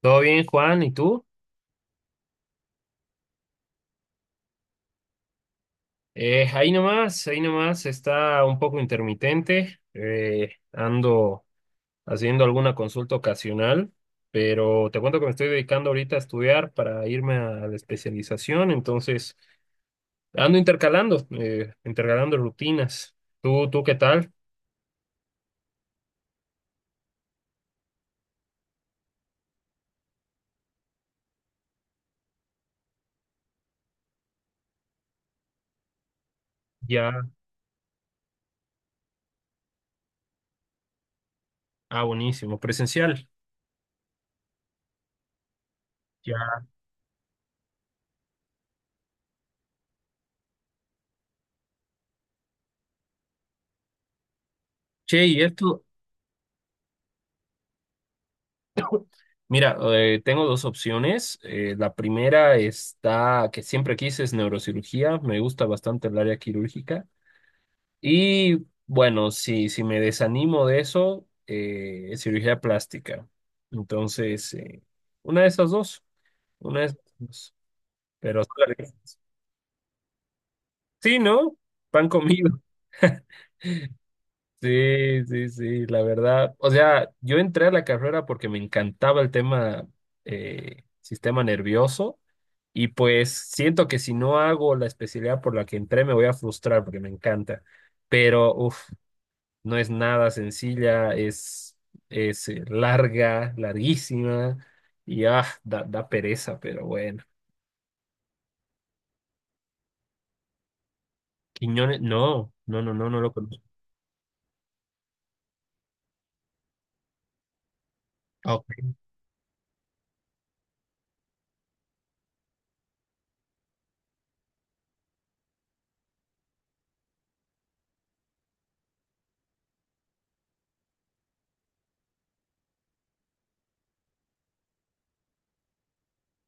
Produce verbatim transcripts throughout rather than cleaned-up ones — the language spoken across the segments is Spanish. Todo bien, Juan, ¿y tú? Eh, ahí nomás, ahí nomás está un poco intermitente. Eh, ando haciendo alguna consulta ocasional, pero te cuento que me estoy dedicando ahorita a estudiar para irme a la especialización, entonces ando intercalando, eh, intercalando rutinas. ¿Tú, tú ¿qué tal? Ya, ah, buenísimo, presencial. Ya. Che, y esto, mira, eh, tengo dos opciones. Eh, la primera está, que siempre quise, es neurocirugía. Me gusta bastante el área quirúrgica. Y bueno, si, si me desanimo de eso, eh, es cirugía plástica. Entonces, eh, una de esas dos. Una de esas dos. Pero sí, ¿no? Pan comido. Sí, sí, sí, la verdad. O sea, yo entré a la carrera porque me encantaba el tema eh, sistema nervioso y pues siento que si no hago la especialidad por la que entré me voy a frustrar porque me encanta. Pero, uff, no es nada sencilla, es, es eh, larga, larguísima y ah, da, da pereza, pero bueno. Quiñones, no, no, no, no, no lo conozco. Ah, ok.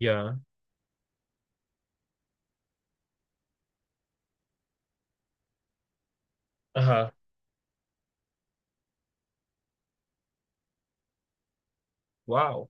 Ya. Ajá. Wow.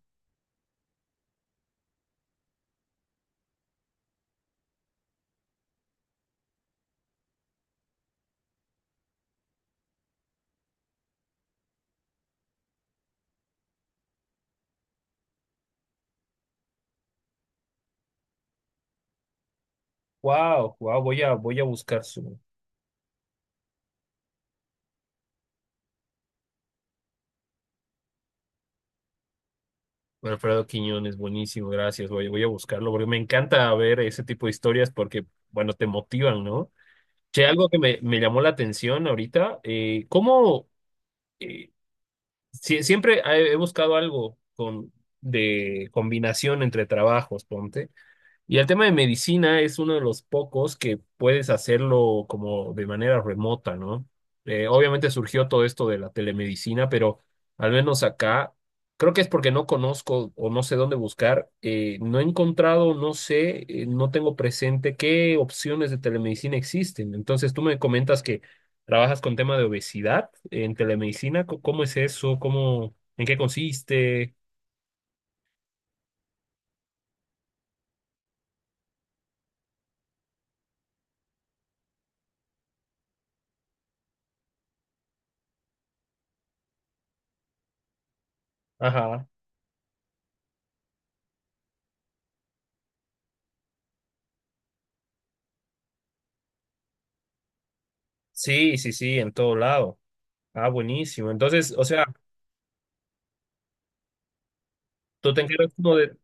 Wow, wow, voy a, voy a buscar su. Alfredo Quiñones, buenísimo, gracias. Voy, voy a buscarlo porque me encanta ver ese tipo de historias porque, bueno, te motivan, ¿no? Che, algo que me, me llamó la atención ahorita, eh, ¿cómo? eh, sie- Siempre he, he buscado algo con, de combinación entre trabajos, ponte. Y el tema de medicina es uno de los pocos que puedes hacerlo como de manera remota, ¿no? Eh, obviamente surgió todo esto de la telemedicina, pero al menos acá, creo que es porque no conozco o no sé dónde buscar, eh, no he encontrado, no sé, eh, no tengo presente qué opciones de telemedicina existen. Entonces, tú me comentas que trabajas con tema de obesidad en telemedicina, ¿cómo cómo es eso? ¿Cómo, en qué consiste? Ajá. Sí, sí, sí, en todo lado. Ah, buenísimo. Entonces, o sea, tú te encargas como de...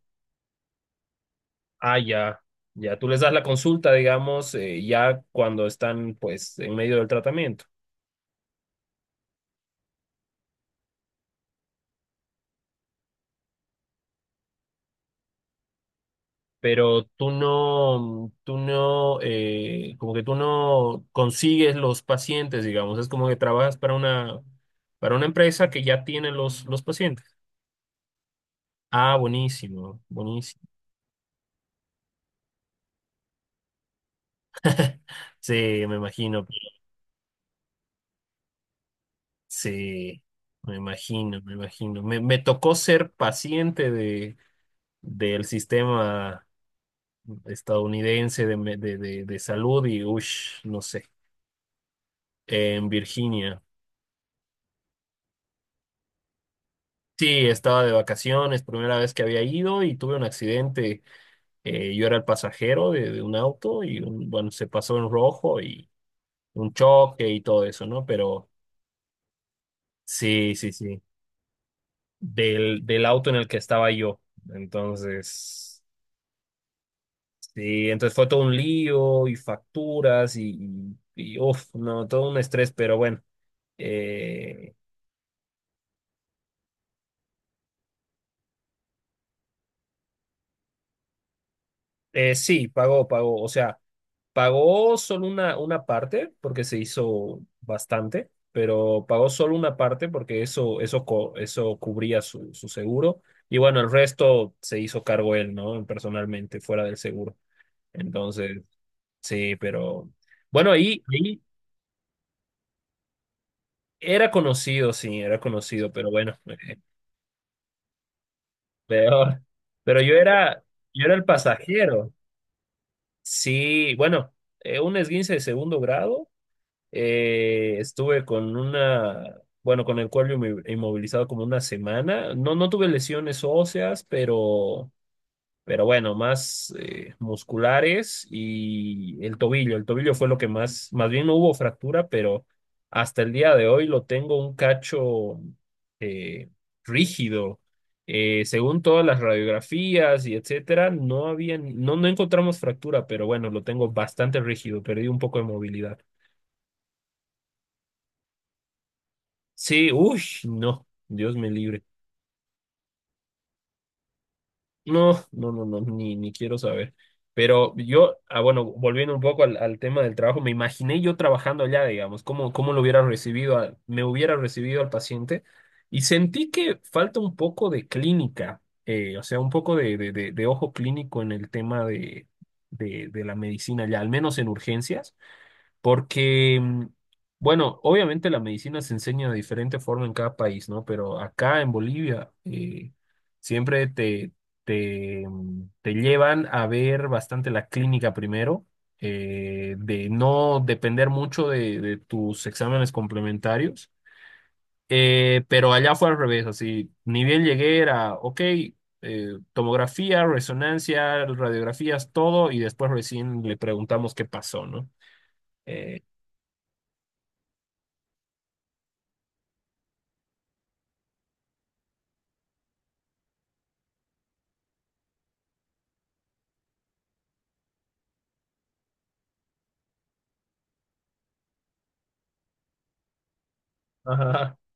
Ah, ya, ya, tú les das la consulta, digamos, eh, ya cuando están, pues, en medio del tratamiento. Pero tú no, tú no, eh, como que tú no consigues los pacientes, digamos. Es como que trabajas para una, para una empresa que ya tiene los, los pacientes. Ah, buenísimo, buenísimo. Sí, me imagino. Sí, me imagino, me imagino. Me, me tocó ser paciente de del sistema estadounidense de, me- de, de- de salud y, ush, no sé, en Virginia. Sí, estaba de vacaciones, primera vez que había ido y tuve un accidente. Eh, yo era el pasajero de, de un auto y, un- bueno, se pasó en rojo y un choque y todo eso, ¿no? Pero sí, sí, sí, del, del auto en el que estaba yo. Entonces, sí, entonces fue todo un lío y facturas y, y, y, uf, no, todo un estrés, pero bueno. Eh, eh, sí, pagó, pagó. O sea, pagó solo una, una parte porque se hizo bastante, pero pagó solo una parte porque eso, eso, co- eso cubría su, su seguro. Y bueno, el resto se hizo cargo él, ¿no? Personalmente, fuera del seguro. Entonces, sí, pero bueno, ahí, ahí era conocido, sí, era conocido, pero bueno, eh, peor. Pero yo era, yo era el pasajero. Sí, bueno eh, un esguince de segundo grado. Eh, estuve con una, bueno, con el cuello inmo- inmovilizado como una semana. No, no tuve lesiones óseas, pero, pero bueno, más eh, musculares y el tobillo. El tobillo fue lo que más, más bien no hubo fractura, pero hasta el día de hoy lo tengo un cacho eh, rígido. Eh, según todas las radiografías y etcétera, no había, ni- no, no encontramos fractura, pero bueno, lo tengo bastante rígido, perdí un poco de movilidad. Sí, uy, no, Dios me libre. No, no, no, no, ni, ni quiero saber. Pero yo, ah, bueno, volviendo un poco al, al tema del trabajo, me imaginé yo trabajando allá, digamos, cómo, cómo lo hubiera recibido, a- me hubiera recibido al paciente y sentí que falta un poco de clínica, eh, o sea, un poco de, de, de, de ojo clínico en el tema de, de, de la medicina allá, al menos en urgencias. Porque, mm, bueno, obviamente la medicina se enseña de diferente forma en cada país, ¿no? Pero acá en Bolivia eh, siempre te, te, mm, te llevan a ver bastante la clínica primero, eh, de no depender mucho de, de tus exámenes complementarios. Eh, pero allá fue al revés, así, ni bien llegué era, ok, eh, tomografía, resonancia, radiografías, todo, y después recién le preguntamos qué pasó, ¿no? Eh,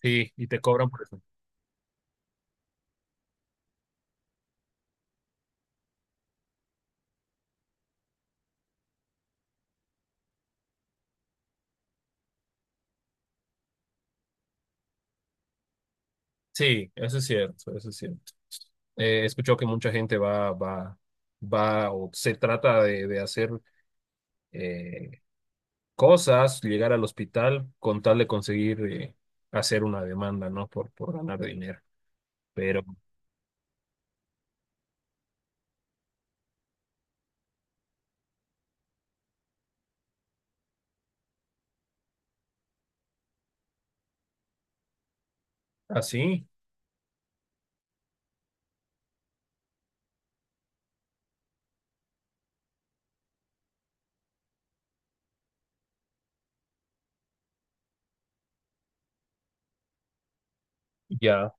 Sí, y te cobran por eso. Sí, eso es cierto, eso es cierto. Eh, he escuchado que mucha gente va, va, va o se trata de, de hacer eh, cosas, llegar al hospital con tal de conseguir eh, hacer una demanda, ¿no? Por, por ganar dinero. Pero así, ya,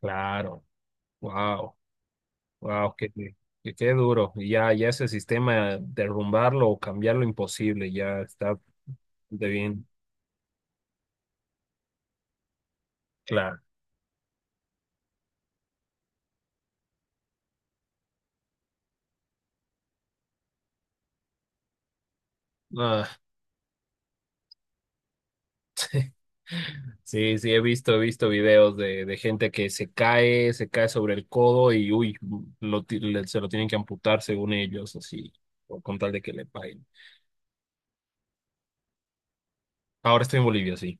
claro. Wow, wow, qué, qué, qué duro. Y ya, ya ese sistema, derrumbarlo o cambiarlo, imposible, ya está de bien claro. Ah. Sí, sí, he visto, he visto videos de, de gente que se cae, se cae sobre el codo y uy, lo ti- le- se lo tienen que amputar según ellos, así, o con tal de que le paguen. Ahora estoy en Bolivia, sí.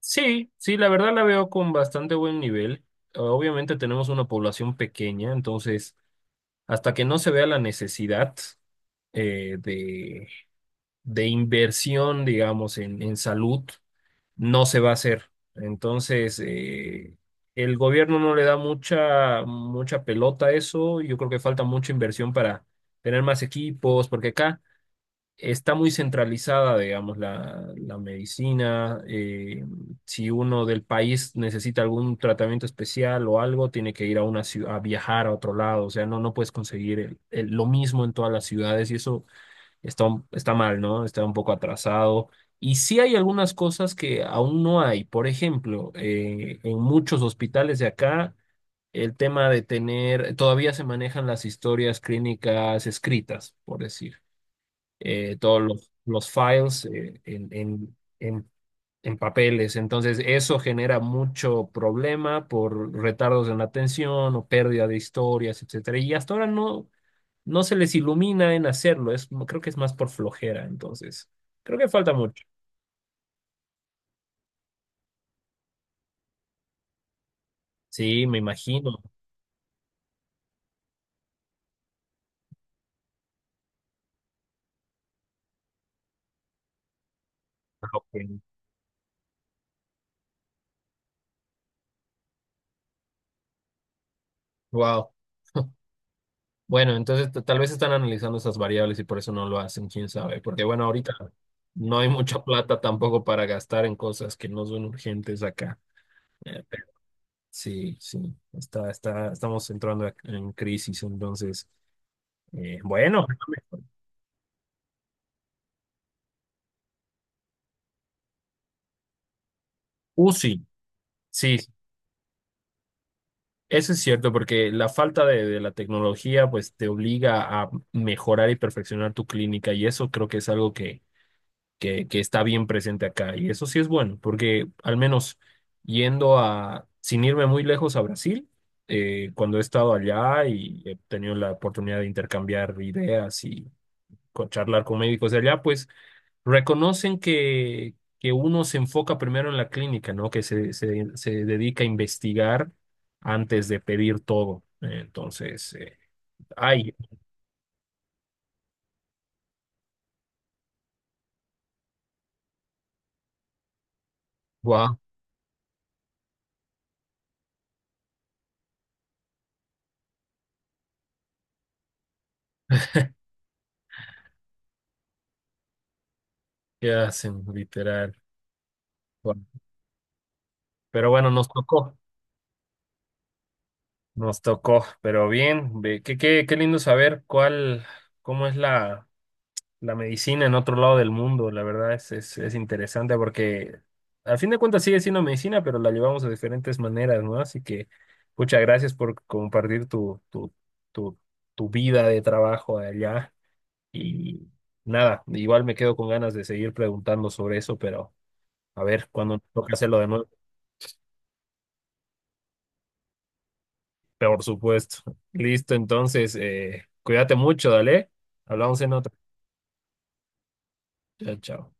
Sí, sí, la verdad la veo con bastante buen nivel. Obviamente tenemos una población pequeña, entonces hasta que no se vea la necesidad eh, de, de inversión, digamos, en, en salud. No se va a hacer. Entonces, eh, el gobierno no le da mucha, mucha pelota a eso. Yo creo que falta mucha inversión para tener más equipos, porque acá está muy centralizada, digamos, la, la medicina. Eh, si uno del país necesita algún tratamiento especial o algo, tiene que ir a una ciudad, a viajar a otro lado. O sea, no, no puedes conseguir el- el- lo mismo en todas las ciudades y eso está, un- está mal, ¿no? Está un poco atrasado. Y sí hay algunas cosas que aún no hay. Por ejemplo, eh, en muchos hospitales de acá, el tema de tener, todavía se manejan las historias clínicas escritas, por decir, eh, todos los, los files eh, en, en, en, en papeles. Entonces, eso genera mucho problema por retardos en la atención o pérdida de historias, etcétera. Y hasta ahora no no se les ilumina en hacerlo, es, creo que es más por flojera, entonces, creo que falta mucho. Sí, me imagino. Wow. Bueno, entonces t- tal vez están analizando esas variables y por eso no lo hacen, quién sabe, porque bueno, ahorita no hay mucha plata tampoco para gastar en cosas que no son urgentes acá. Eh, pero sí, sí, está, está, estamos entrando en crisis, entonces, eh, bueno, U C I, sí, eso es cierto, porque la falta de, de la tecnología pues te obliga a mejorar y perfeccionar tu clínica y eso creo que es algo que, que, que está bien presente acá y eso sí es bueno, porque al menos yendo a, sin irme muy lejos a Brasil, eh, cuando he estado allá y he tenido la oportunidad de intercambiar ideas y con- charlar con médicos de allá, pues reconocen que, que uno se enfoca primero en la clínica, ¿no? Que se, se, se dedica a investigar antes de pedir todo. Entonces, eh, ay, wow, ¿qué hacen? Literal. Guau. Pero bueno, nos tocó, nos tocó, pero bien, ve- qué, qué, qué lindo saber cuál, cómo es la la medicina en otro lado del mundo, la verdad es, es, es interesante porque al fin de cuentas sigue siendo medicina, pero la llevamos de diferentes maneras, ¿no? Así que muchas gracias por compartir tu, tu, tu, tu vida de trabajo allá. Y nada, igual me quedo con ganas de seguir preguntando sobre eso, pero a ver, cuando nos toca hacerlo de nuevo, por supuesto. Listo, entonces, eh, cuídate mucho, dale. Hablamos en otra. Chao, chao.